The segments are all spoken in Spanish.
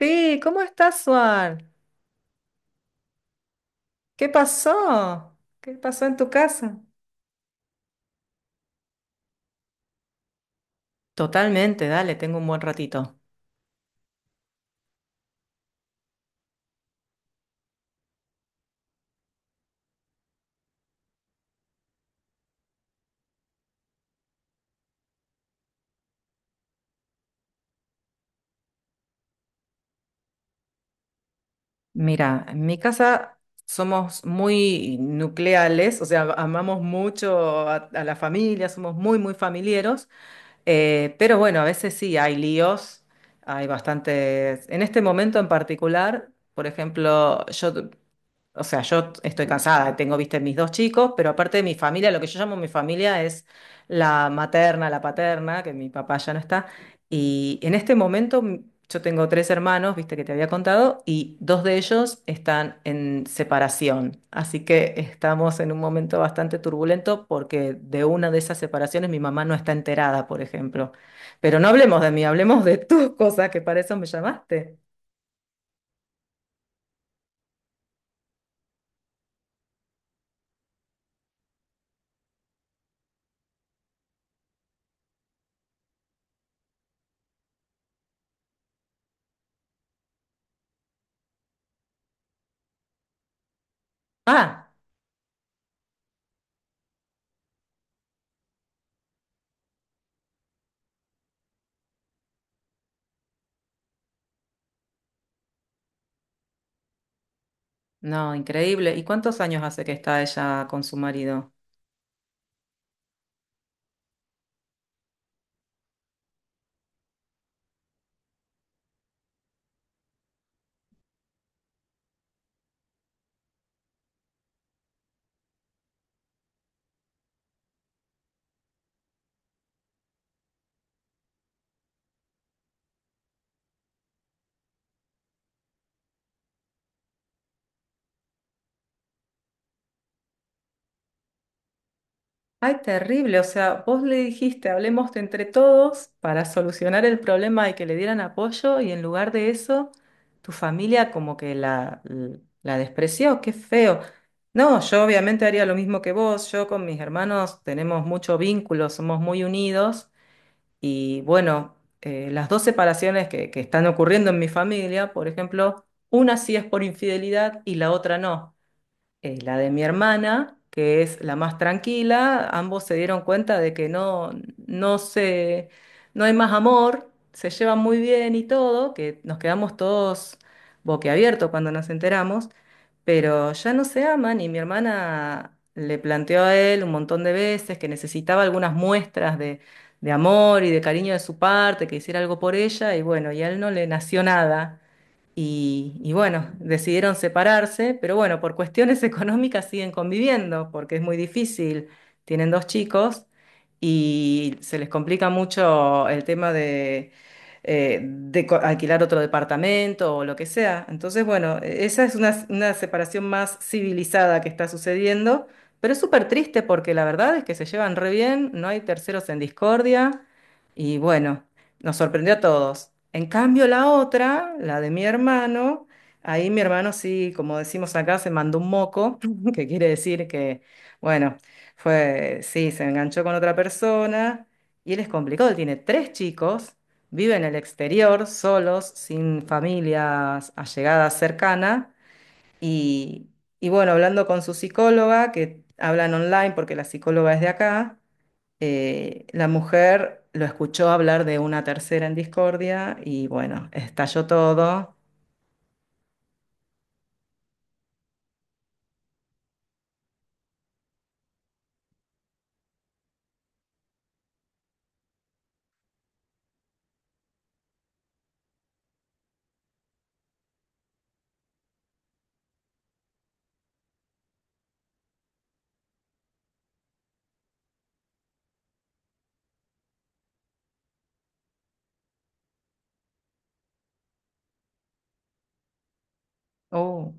Sí, ¿cómo estás, Juan? ¿Qué pasó? ¿Qué pasó en tu casa? Totalmente, dale, tengo un buen ratito. Mira, en mi casa somos muy nucleales, o sea, amamos mucho a la familia, somos muy, muy familieros, pero bueno, a veces sí hay líos, hay bastantes. En este momento en particular, por ejemplo, yo O sea, yo estoy cansada, tengo, viste, mis dos chicos, pero aparte de mi familia, lo que yo llamo mi familia es la materna, la paterna, que mi papá ya no está. Y en este momento yo tengo tres hermanos, viste, que te había contado, y dos de ellos están en separación. Así que estamos en un momento bastante turbulento porque de una de esas separaciones mi mamá no está enterada, por ejemplo. Pero no hablemos de mí, hablemos de tus cosas, que para eso me llamaste. Ah. No, increíble. ¿Y cuántos años hace que está ella con su marido? Ay, terrible. O sea, vos le dijiste, hablemos de entre todos para solucionar el problema y que le dieran apoyo y en lugar de eso, tu familia como que la despreció. Qué feo. No, yo obviamente haría lo mismo que vos. Yo con mis hermanos tenemos mucho vínculo, somos muy unidos y bueno, las dos separaciones que están ocurriendo en mi familia, por ejemplo, una sí es por infidelidad y la otra no. La de mi hermana, que es la más tranquila, ambos se dieron cuenta de que no se, no hay más amor, se llevan muy bien y todo, que nos quedamos todos boquiabiertos cuando nos enteramos, pero ya no se aman y mi hermana le planteó a él un montón de veces que necesitaba algunas muestras de amor y de cariño de su parte, que hiciera algo por ella y bueno, y a él no le nació nada. Y bueno, decidieron separarse, pero bueno, por cuestiones económicas siguen conviviendo, porque es muy difícil. Tienen dos chicos y se les complica mucho el tema de, alquilar otro departamento o lo que sea. Entonces, bueno, esa es una separación más civilizada que está sucediendo, pero es súper triste porque la verdad es que se llevan re bien, no hay terceros en discordia y bueno. Nos sorprendió a todos. En cambio, la otra, la de mi hermano, ahí mi hermano sí, como decimos acá, se mandó un moco, que quiere decir que, bueno, fue, sí, se enganchó con otra persona y él es complicado, él tiene tres chicos, vive en el exterior, solos, sin familias allegadas cercana y, y bueno, hablando con su psicóloga, que hablan online porque la psicóloga es de acá. La mujer lo escuchó hablar de una tercera en discordia y bueno, estalló todo. Oh,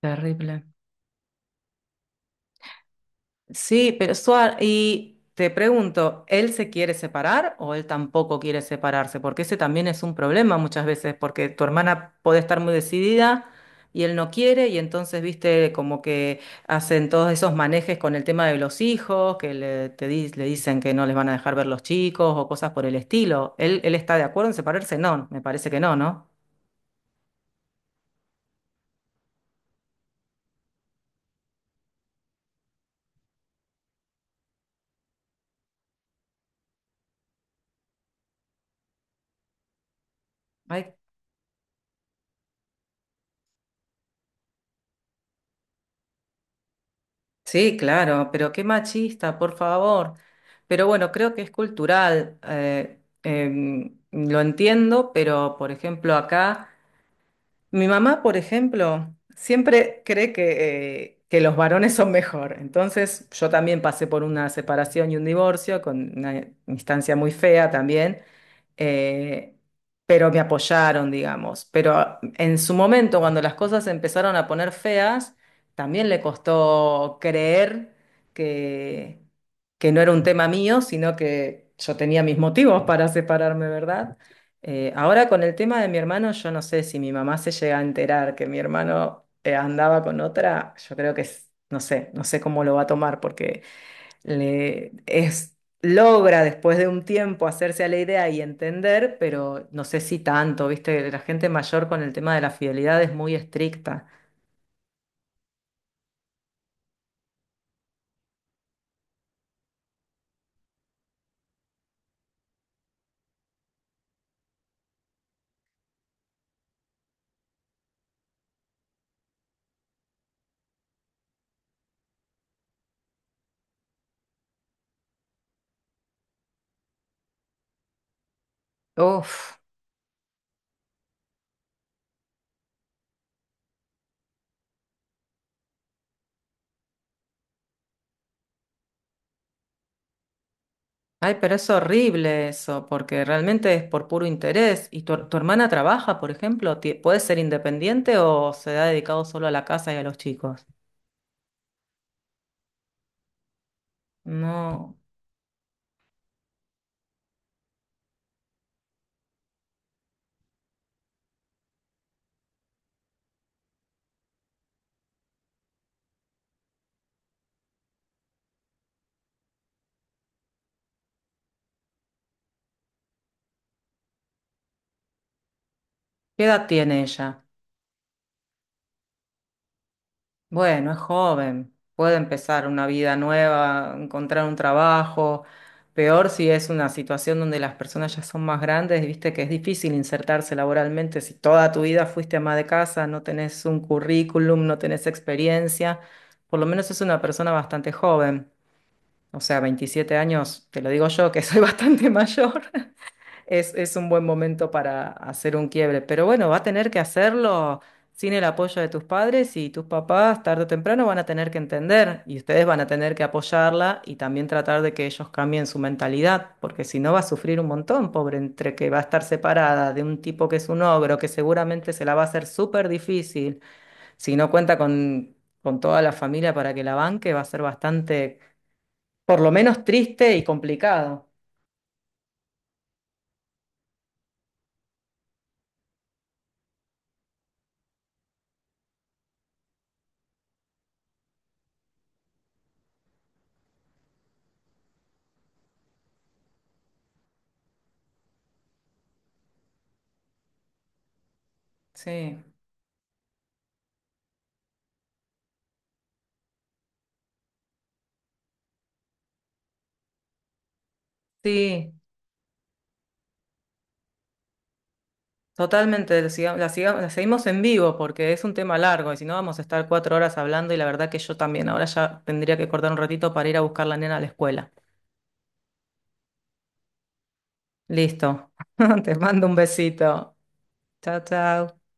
terrible. Sí, pero Suar, y te pregunto, ¿él se quiere separar o él tampoco quiere separarse? Porque ese también es un problema muchas veces, porque tu hermana puede estar muy decidida y él no quiere, y entonces, viste, como que hacen todos esos manejes con el tema de los hijos, que le dicen que no les van a dejar ver los chicos o cosas por el estilo. ¿Él, él está de acuerdo en separarse? No, me parece que no, ¿no? Sí, claro, pero qué machista, por favor. Pero bueno, creo que es cultural. Lo entiendo, pero por ejemplo acá, mi mamá, por ejemplo, siempre cree que los varones son mejor. Entonces yo también pasé por una separación y un divorcio con una instancia muy fea también, eh, pero me apoyaron, digamos. Pero en su momento, cuando las cosas se empezaron a poner feas, también le costó creer que, que no era un tema mío, sino que yo tenía mis motivos para separarme, ¿verdad? Ahora con el tema de mi hermano, yo no sé si mi mamá se llega a enterar que mi hermano andaba con otra, yo creo que no sé, no sé cómo lo va a tomar, porque le es, logra después de un tiempo hacerse a la idea y entender, pero no sé si tanto, ¿viste? La gente mayor con el tema de la fidelidad es muy estricta. Uf, ay, pero es horrible eso, porque realmente es por puro interés. ¿Y tu hermana trabaja, por ejemplo? ¿Puede ser independiente o se ha dedicado solo a la casa y a los chicos? No. ¿Qué edad tiene ella? Bueno, es joven, puede empezar una vida nueva, encontrar un trabajo. Peor si es una situación donde las personas ya son más grandes, viste que es difícil insertarse laboralmente si toda tu vida fuiste ama de casa, no tenés un currículum, no tenés experiencia. Por lo menos es una persona bastante joven, o sea, 27 años, te lo digo yo que soy bastante mayor. Es un buen momento para hacer un quiebre, pero bueno, va a tener que hacerlo sin el apoyo de tus padres y tus papás tarde o temprano van a tener que entender y ustedes van a tener que apoyarla y también tratar de que ellos cambien su mentalidad, porque si no va a sufrir un montón, pobre, entre que va a estar separada de un tipo que es un ogro, que seguramente se la va a hacer súper difícil, si no cuenta con toda la familia para que la banque, va a ser bastante, por lo menos triste y complicado. Sí, sí. Totalmente, lo siga- la seguimos en vivo porque es un tema largo y si no vamos a estar 4 horas hablando y la verdad que yo también ahora ya tendría que cortar un ratito para ir a buscar la nena a la escuela. Listo. Te mando un besito. Chao, chao.